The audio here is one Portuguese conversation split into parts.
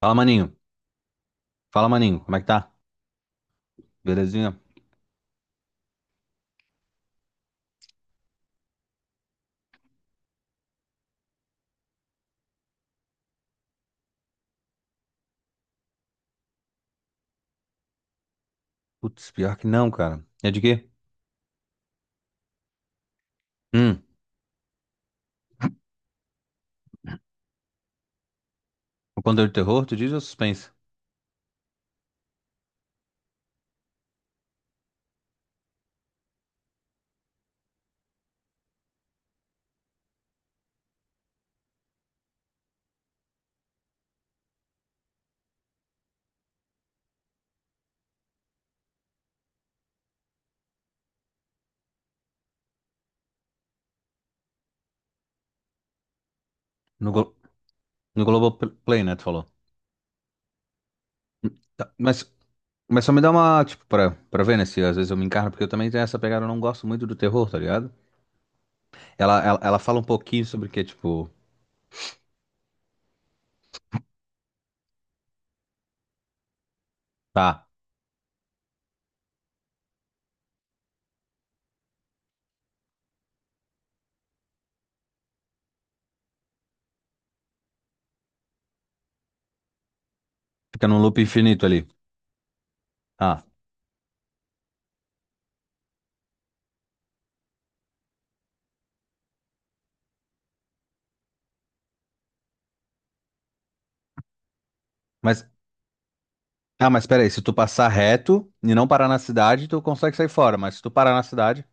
Fala, maninho. Fala, maninho. Como é que tá? Belezinha? Putz, pior que não, cara. É de quê? Hum, o conteúdo de terror, tu diz ou suspense? No, Glo no Globoplay, né, tu falou. Tá, mas só me dá uma, tipo, pra ver, né, se às vezes eu me encarno, porque eu também tenho essa pegada, eu não gosto muito do terror, tá ligado? Ela fala um pouquinho sobre o que, tipo, tá, fica num loop infinito ali. Ah, mas, ah, mas pera aí, se tu passar reto e não parar na cidade, tu consegue sair fora, mas se tu parar na cidade...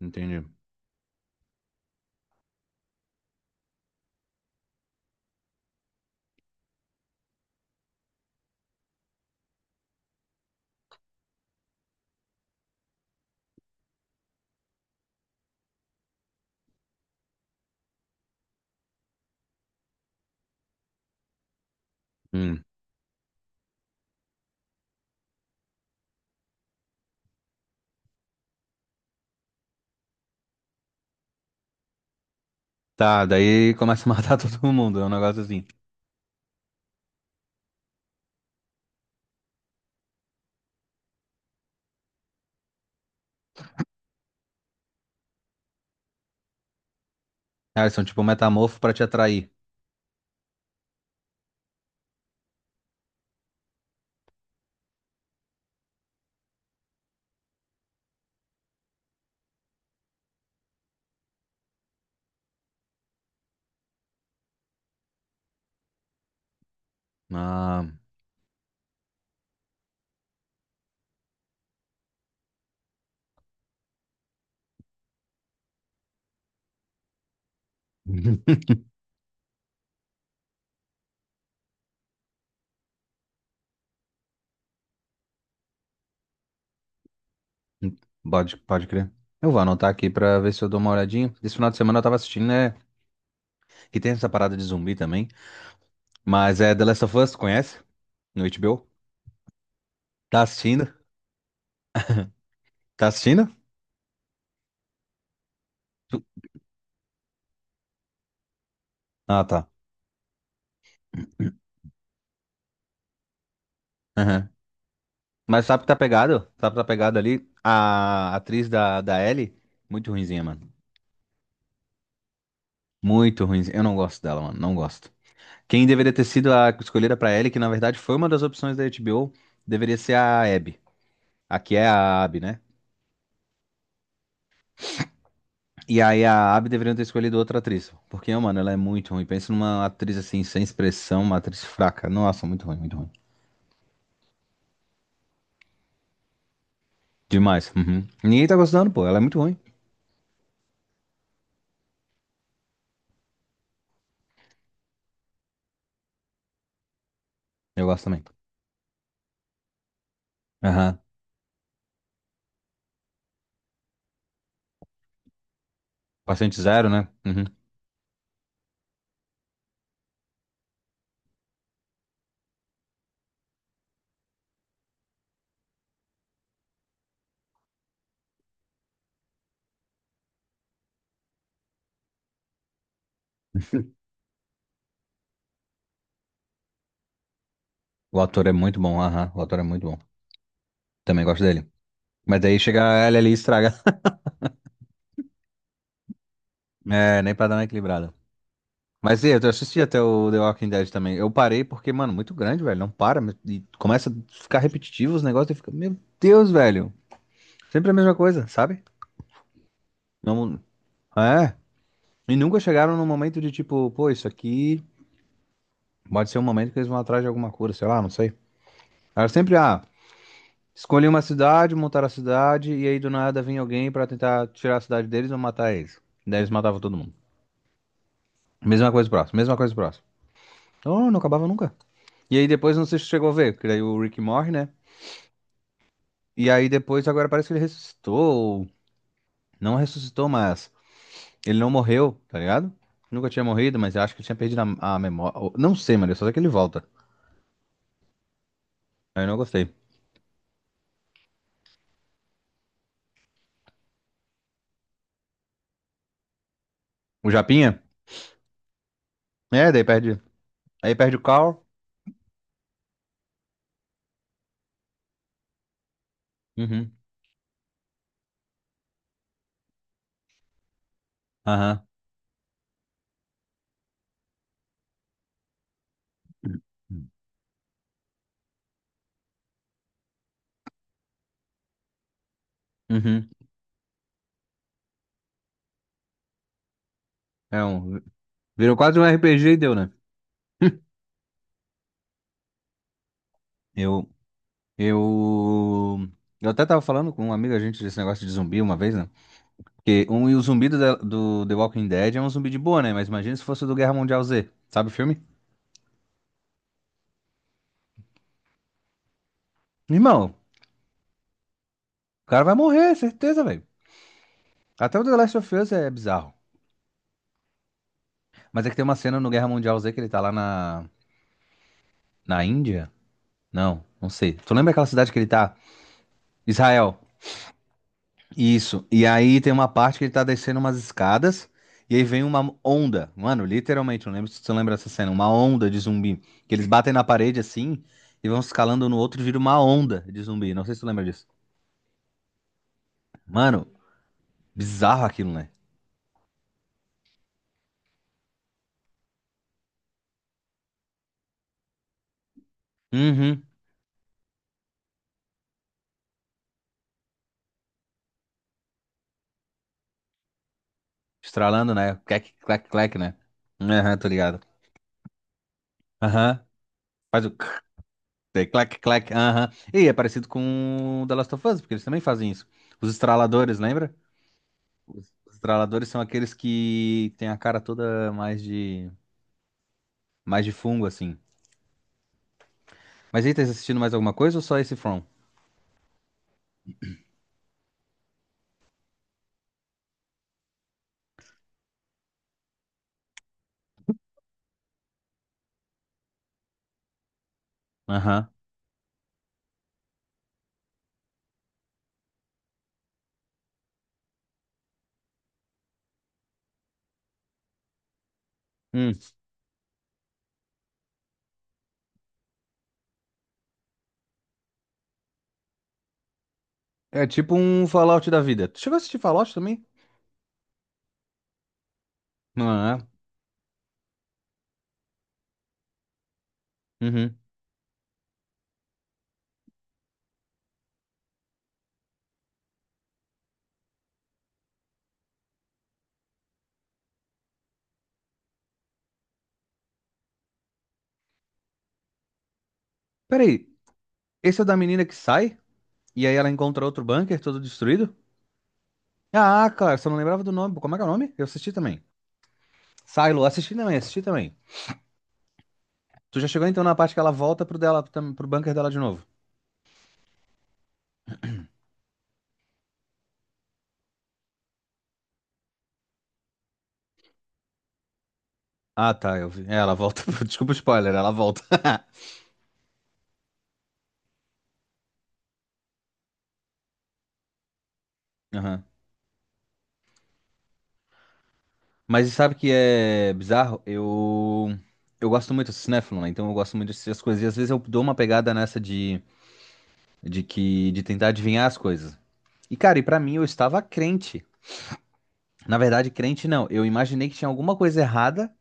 Entendi. Hum. Tá, daí começa a matar todo mundo. É um negócio assim. Ah, eles são tipo um metamorfo pra te atrair. Ah. Pode crer. Eu vou anotar aqui pra ver se eu dou uma olhadinha. Esse final de semana eu tava assistindo, né? Que tem essa parada de zumbi também. Mas é The Last of Us, conhece? No HBO. Tá assistindo? Tá assistindo? Tu- Ah, tá. Aham. Mas sabe que tá pegado? Sabe que tá pegado ali? A atriz da Ellie, muito ruinzinha, mano. Muito ruinzinha. Eu não gosto dela, mano. Não gosto. Quem deveria ter sido a escolhida pra Ellie, que na verdade foi uma das opções da HBO, deveria ser a Abby. Aqui é a Abby, né? E aí a Abby deveria ter escolhido outra atriz. Porque, mano, ela é muito ruim. Pensa numa atriz assim, sem expressão, uma atriz fraca. Nossa, muito ruim, muito ruim. Demais. Uhum. Ninguém tá gostando, pô. Ela é muito ruim. Eu gosto também. Aham. Paciente zero, né? Uhum. O ator é muito bom. Aham. O ator é muito bom. Também gosto dele. Mas daí chega ela ali e estraga. É, nem pra dar uma equilibrada. Mas e, aí, eu assisti até o The Walking Dead também. Eu parei porque, mano, muito grande, velho. Não para. E começa a ficar repetitivo os negócios e fica, meu Deus, velho. Sempre a mesma coisa, sabe? Não, é. E nunca chegaram no momento de tipo, pô, isso aqui pode ser um momento que eles vão atrás de alguma cura, sei lá, não sei. Era sempre, ah, escolhi uma cidade, montaram a cidade, e aí do nada vinha alguém pra tentar tirar a cidade deles ou matar eles. Daí eles matavam todo mundo. Mesma coisa próxima, mesma coisa próxima. Então não acabava nunca. E aí depois não sei se chegou a ver, porque daí o Rick morre, né? E aí depois agora parece que ele ressuscitou. Não ressuscitou, mas ele não morreu, tá ligado? Nunca tinha morrido, mas eu acho que tinha perdido a memória. Não sei, mano. Eu Só sei que ele volta. Aí eu não gostei. O Japinha? É, daí perde. Aí perde o Carl. Uhum. Aham. Uhum. É um. Virou quase um RPG e deu, né? Eu, eu, eu até tava falando com um amigo, a gente, desse negócio de zumbi uma vez, né? Porque um, e o zumbi do The Walking Dead é um zumbi de boa, né? Mas imagina se fosse o do Guerra Mundial Z, sabe o filme? Irmão, o cara vai morrer, certeza, velho. Até o The Last of Us é bizarro. Mas é que tem uma cena no Guerra Mundial Z que ele tá lá na Índia? Não, não sei. Tu lembra aquela cidade que ele tá? Israel. Isso. E aí tem uma parte que ele tá descendo umas escadas e aí vem uma onda. Mano, literalmente, eu não lembro se tu lembra dessa cena. Uma onda de zumbi. Que eles batem na parede assim e vão escalando no outro e vira uma onda de zumbi. Não sei se tu lembra disso. Mano, bizarro aquilo, né? Uhum. Estralando, né? Clack, clack, clack, né? Aham, tô ligado. Aham. Faz o clac, clac, clac, aham. E é parecido com o The Last of Us, porque eles também fazem isso. Os estraladores, lembra? Os estraladores são aqueles que têm a cara toda mais de fungo, assim. Mas aí, tá assistindo mais alguma coisa ou só esse From? Aham. Hum. É tipo um Fallout da vida. Tu chegou a assistir Fallout também? Ah, uhum. Peraí, esse é o da menina que sai e aí ela encontra outro bunker todo destruído? Ah, cara, só não lembrava do nome. Como é que é o nome? Eu assisti também. Silo, assisti também, assisti também. Tu já chegou então na parte que ela volta pro dela, pro bunker dela de novo? Ah, tá, eu vi. É, ela volta. Desculpa o spoiler, ela volta. Aham. Mas sabe que é bizarro? Eu gosto muito de Cinefilo, né? Então eu gosto muito de assistir as coisas. E às vezes eu dou uma pegada nessa de que de tentar adivinhar as coisas. E cara, e pra mim eu estava crente. Na verdade, crente não. Eu imaginei que tinha alguma coisa errada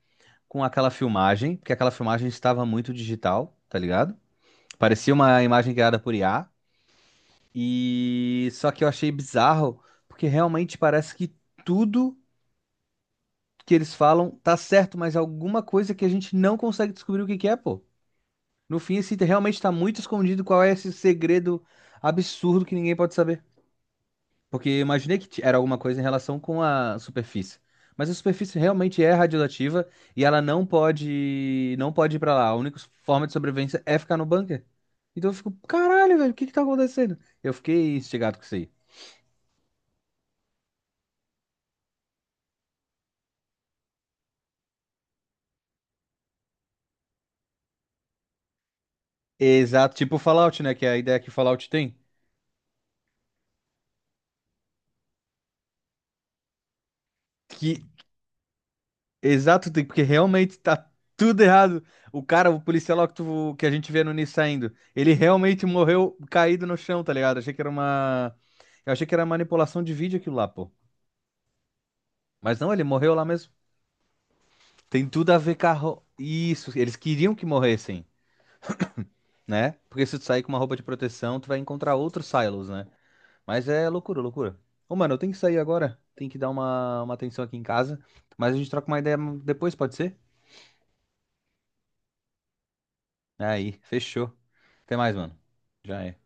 com aquela filmagem, porque aquela filmagem estava muito digital, tá ligado? Parecia uma imagem criada por IA. E só que eu achei bizarro, porque realmente parece que tudo que eles falam tá certo, mas alguma coisa que a gente não consegue descobrir o que que é, pô. No fim, assim, realmente tá muito escondido qual é esse segredo absurdo que ninguém pode saber. Porque eu imaginei que era alguma coisa em relação com a superfície. Mas a superfície realmente é radioativa e ela não pode, não pode ir pra lá. A única forma de sobrevivência é ficar no bunker. Então eu fico, caralho, velho, o que que tá acontecendo? Eu fiquei instigado com isso aí. Exato, tipo Fallout, né? Que é a ideia que Fallout tem. Que exato, porque realmente tá tudo errado. O cara, o policial lá que, que a gente vê no início saindo, ele realmente morreu caído no chão, tá ligado? Achei que era uma. Eu achei que era manipulação de vídeo aquilo lá, pô. Mas não, ele morreu lá mesmo. Tem tudo a ver com a ro... Isso, eles queriam que morressem, né? Porque se tu sair com uma roupa de proteção, tu vai encontrar outros silos, né? Mas é loucura, loucura. Ô, mano, eu tenho que sair agora. Tem que dar uma atenção aqui em casa. Mas a gente troca uma ideia depois, pode ser? Aí, fechou. Até mais, mano. Já é.